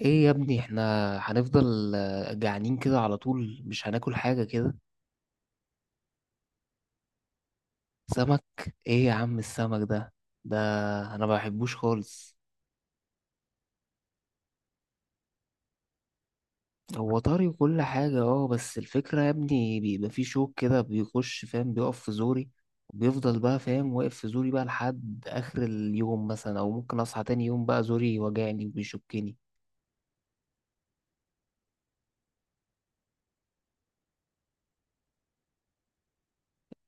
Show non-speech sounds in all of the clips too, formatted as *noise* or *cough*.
ايه يا ابني احنا هنفضل جعانين كده على طول، مش هناكل حاجة كده؟ سمك؟ ايه يا عم السمك ده؟ ده انا ما بحبوش خالص. هو طري وكل حاجة اه، بس الفكرة يا ابني بيبقى فيه شوك كده بيخش فاهم، بيقف في زوري. وبيفضل بقى فاهم واقف في زوري بقى لحد اخر اليوم مثلا، او ممكن اصحى تاني يوم بقى زوري وجعني وبيشكني.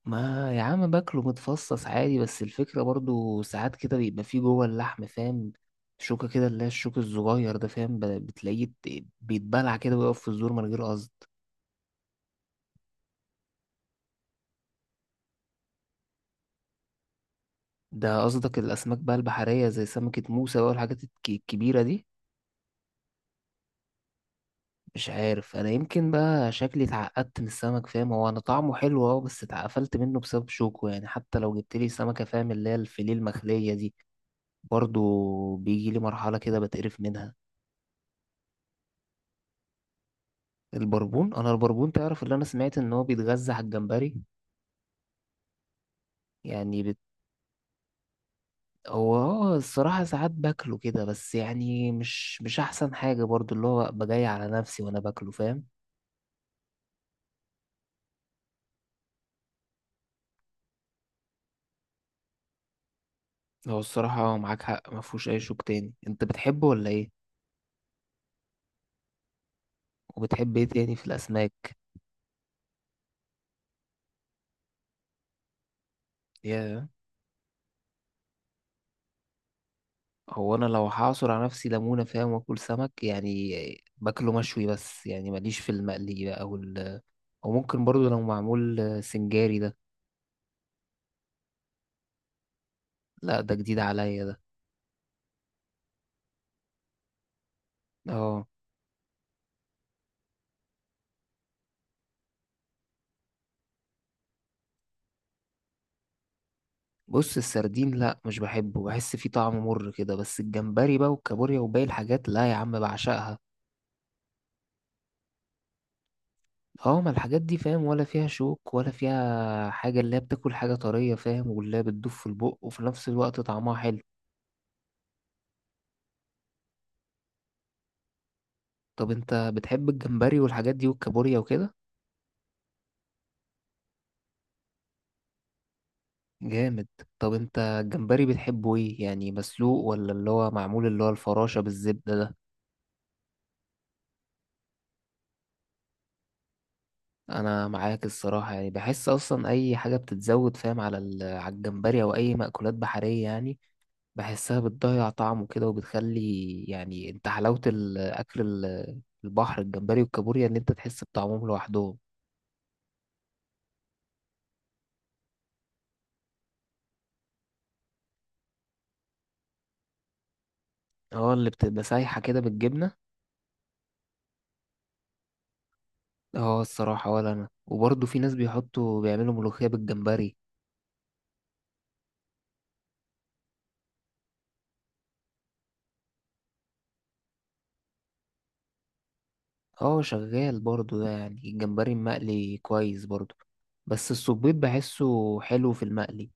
ما يا عم باكله متفصص عادي، بس الفكرة برضو ساعات كده بيبقى فيه جوه اللحم فاهم، شوكة كده اللي هي الشوك الصغير ده فاهم، بتلاقيه بيتبلع كده ويقف في الزور من غير قصد. ده قصدك الأسماك بقى البحرية زي سمكة موسى بقى والحاجات الكبيرة دي. مش عارف، أنا يمكن بقى شكلي اتعقدت من السمك فاهم، هو أنا طعمه حلو أه، بس اتقفلت منه بسبب شوكه، يعني حتى لو جبتلي سمكة فاهم اللي هي الفيليه المخلية دي، برضو بيجيلي مرحلة كده بتقرف منها. البربون، انا البربون تعرف، اللي انا سمعت ان هو بيتغذى على الجمبري، يعني بت... هو اه، الصراحة ساعات باكله كده، بس يعني مش احسن حاجة برضو، اللي هو ابقى جاي على نفسي وانا باكله فاهم. هو الصراحة اه، معاك حق، ما فيهوش اي شوك تاني. انت بتحبه ولا ايه؟ وبتحب ايه تاني في الاسماك؟ يا هو انا لو هعصر على نفسي ليمونة فاهم واكل سمك، يعني باكله مشوي، بس يعني ماليش في المقلي بقى، او ال... او ممكن برضو لو معمول سنجاري ده. لا ده جديد عليا ده. اه، بص السردين لا مش بحبه، بحس فيه طعم مر كده، بس الجمبري بقى والكابوريا وباقي الحاجات لا يا عم بعشقها. اه، ما الحاجات دي فاهم ولا فيها شوك ولا فيها حاجة، اللي هي بتاكل حاجة طرية فاهم، واللي هي بتدوب في البق وفي نفس الوقت طعمها حلو. طب انت بتحب الجمبري والحاجات دي والكابوريا وكده؟ جامد. طب انت الجمبري بتحبه ايه يعني، مسلوق ولا اللي هو معمول اللي هو الفراشة بالزبدة ده؟ انا معاك الصراحة، يعني بحس اصلا اي حاجة بتتزود فاهم على على الجمبري او اي مأكولات بحرية يعني، بحسها بتضيع طعمه كده وبتخلي، يعني انت حلاوة الأكل البحر، الجمبري والكابوريا، إن أنت تحس بطعمهم لوحدهم. اه اللي بتبقى سايحة كده بالجبنة. اه الصراحة ولا أنا، وبرضه في ناس بيحطوا بيعملوا ملوخية بالجمبري. اه شغال برضه ده، يعني الجمبري المقلي كويس برضه، بس الصبيط بحسه حلو في المقلي.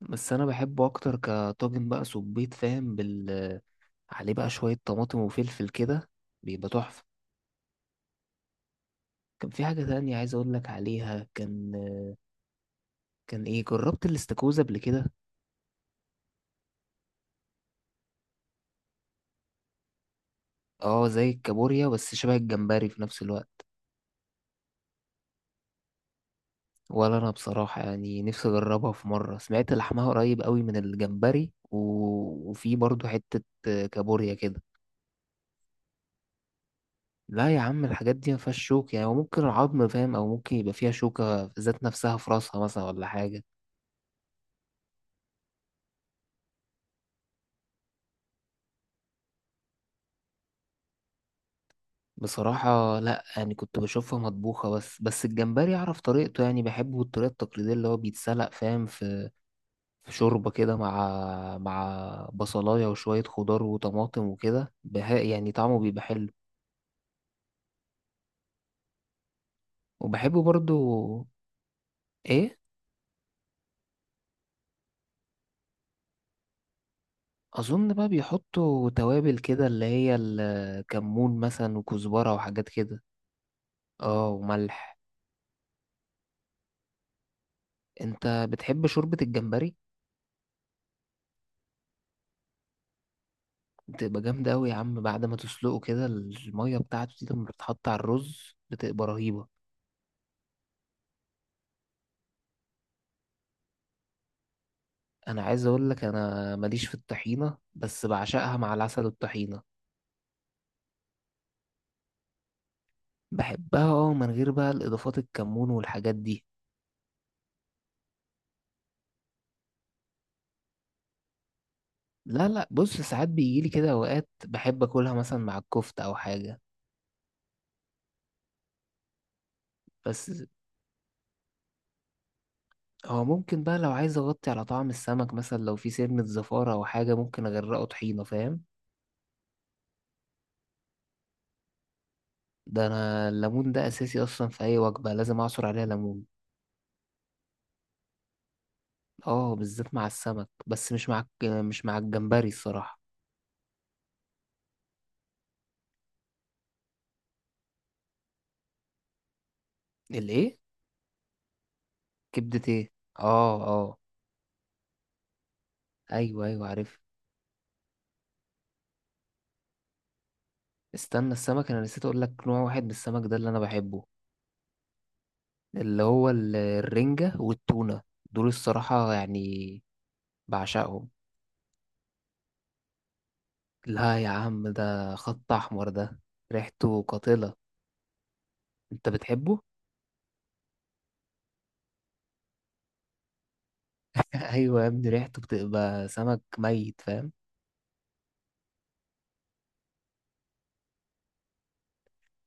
بس أنا بحبه أكتر كطاجن بقى، صبيط فاهم بال، عليه بقى شوية طماطم وفلفل كده، بيبقى تحفة. كان في حاجة تانية عايز أقول لك عليها، كان كان إيه، جربت الاستاكوزا قبل كده؟ أه زي الكابوريا، بس شبه الجمبري في نفس الوقت. ولا أنا بصراحة، يعني نفسي أجربها في مرة، سمعت لحمها قريب قوي من الجمبري، و... وفي برضو حتة كابوريا كده. لا يا عم الحاجات دي ما فيهاش شوك، يعني ممكن العظم فاهم، أو ممكن يبقى فيها شوكة ذات نفسها في راسها مثلا ولا حاجة. بصراحة لا، يعني كنت بشوفها مطبوخة بس، الجمبري أعرف طريقته، يعني بحبه الطريقة التقليدية اللي هو بيتسلق فاهم في شوربة كده، مع بصلاية وشوية خضار وطماطم وكده بها، يعني طعمه بيبقى حلو. وبحب برضو. ايه؟ اظن بقى بيحطوا توابل كده اللي هي الكمون مثلا وكزبرة وحاجات كده. اه وملح. انت بتحب شوربة الجمبري؟ بتبقى جامدة اوي يا عم، بعد ما تسلقه كده المية بتاعته دي لما بتتحط على الرز بتبقى رهيبة. انا عايز اقول لك، انا ماليش في الطحينة، بس بعشقها مع العسل والطحينة. بحبها اه، من غير بقى الاضافات الكمون والحاجات دي. لا لا، بص ساعات بيجيلي كده اوقات بحب اكلها مثلا مع الكفتة او حاجة. بس هو ممكن بقى لو عايز اغطي على طعم السمك مثلا، لو في سنة زفارة او حاجة، ممكن اغرقه طحينة فاهم. ده انا الليمون ده اساسي اصلا، في اي وجبة لازم اعصر عليها ليمون. اه، بالذات مع السمك، بس مش مع مش مع الجمبري الصراحة. الايه؟ كبدة ايه؟ اه اه. ايوه ايوه عارف. استنى، السمك انا نسيت اقول لك نوع واحد من السمك ده اللي انا بحبه، اللي هو الرنجة والتونة، دول الصراحة يعني بعشقهم. لا يا عم ده خط أحمر ده، ريحته قاتلة. أنت بتحبه؟ *laughs* أيوة يا ابني ريحته بتبقى سمك ميت فاهم.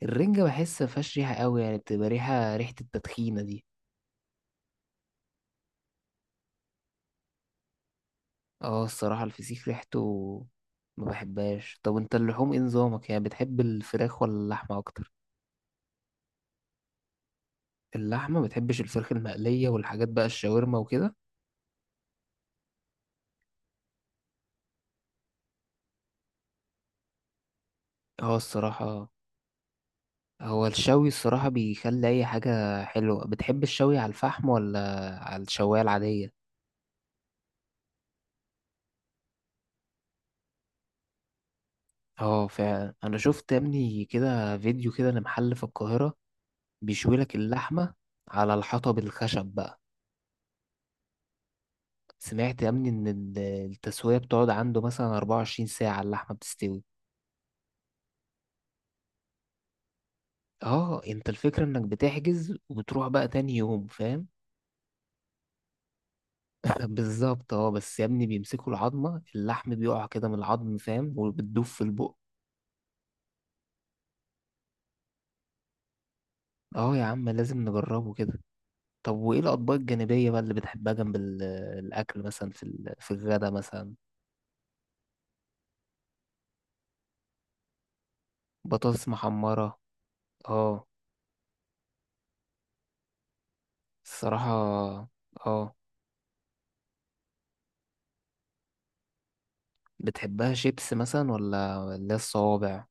الرنجة بحس مفيهاش ريحة قوي، يعني بتبقى ريحة، التدخينة دي اه الصراحة الفسيخ ريحته ما بحبهاش. طب انت اللحوم ايه نظامك، يعني بتحب الفراخ ولا اللحمة أكتر؟ اللحمة؟ ما بتحبش الفراخ المقلية والحاجات بقى، الشاورما وكده؟ اه الصراحة. هو الشوي الصراحة بيخلي أي حاجة حلوة. بتحب الشوي على الفحم ولا على الشواية العادية؟ اه فعلا، أنا شفت يا ابني كده فيديو كده لمحل في القاهرة بيشوي لك اللحمة على الحطب، الخشب بقى. سمعت يا ابني إن التسوية بتقعد عنده مثلا 24 ساعة اللحمة بتستوي. اه، انت الفكرة انك بتحجز وبتروح بقى تاني يوم فاهم. *laughs* بالظبط اه، بس يا ابني بيمسكوا العظمة، اللحم بيقع كده من العظم فاهم، وبتدوب في البق. اه يا عم لازم نجربه كده. طب وإيه الأطباق الجانبية بقى اللي بتحبها جنب الأكل مثلا، في في الغدا مثلا؟ بطاطس محمرة؟ اه الصراحة اه. بتحبها شيبس مثلا، ولا اللي هي الصوابع؟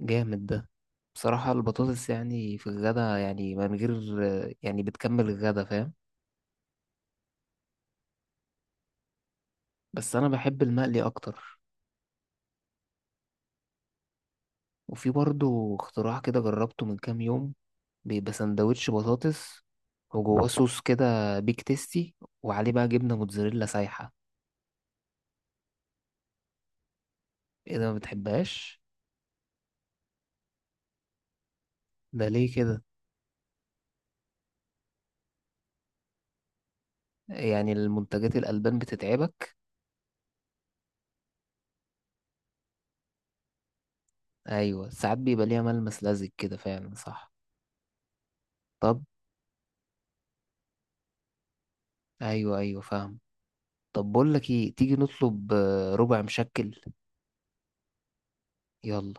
جامد ده. بصراحة البطاطس يعني في الغدا، يعني من غير، يعني بتكمل الغدا فاهم. بس أنا بحب المقلي أكتر. وفي برضو اختراع كده جربته من كام يوم، بيبقى سندوتش بطاطس وجواه صوص كده بيك تيستي، وعليه بقى جبنة موتزاريلا سايحة. ايه ده، ما بتحبهاش؟ ده ليه كده؟ يعني المنتجات الألبان بتتعبك؟ ايوه، ساعات بيبقى ليها ملمس لزج كده، فعلا صح. طب ايوه ايوه فاهم. طب بقول لك ايه، تيجي نطلب ربع مشكل؟ يلا.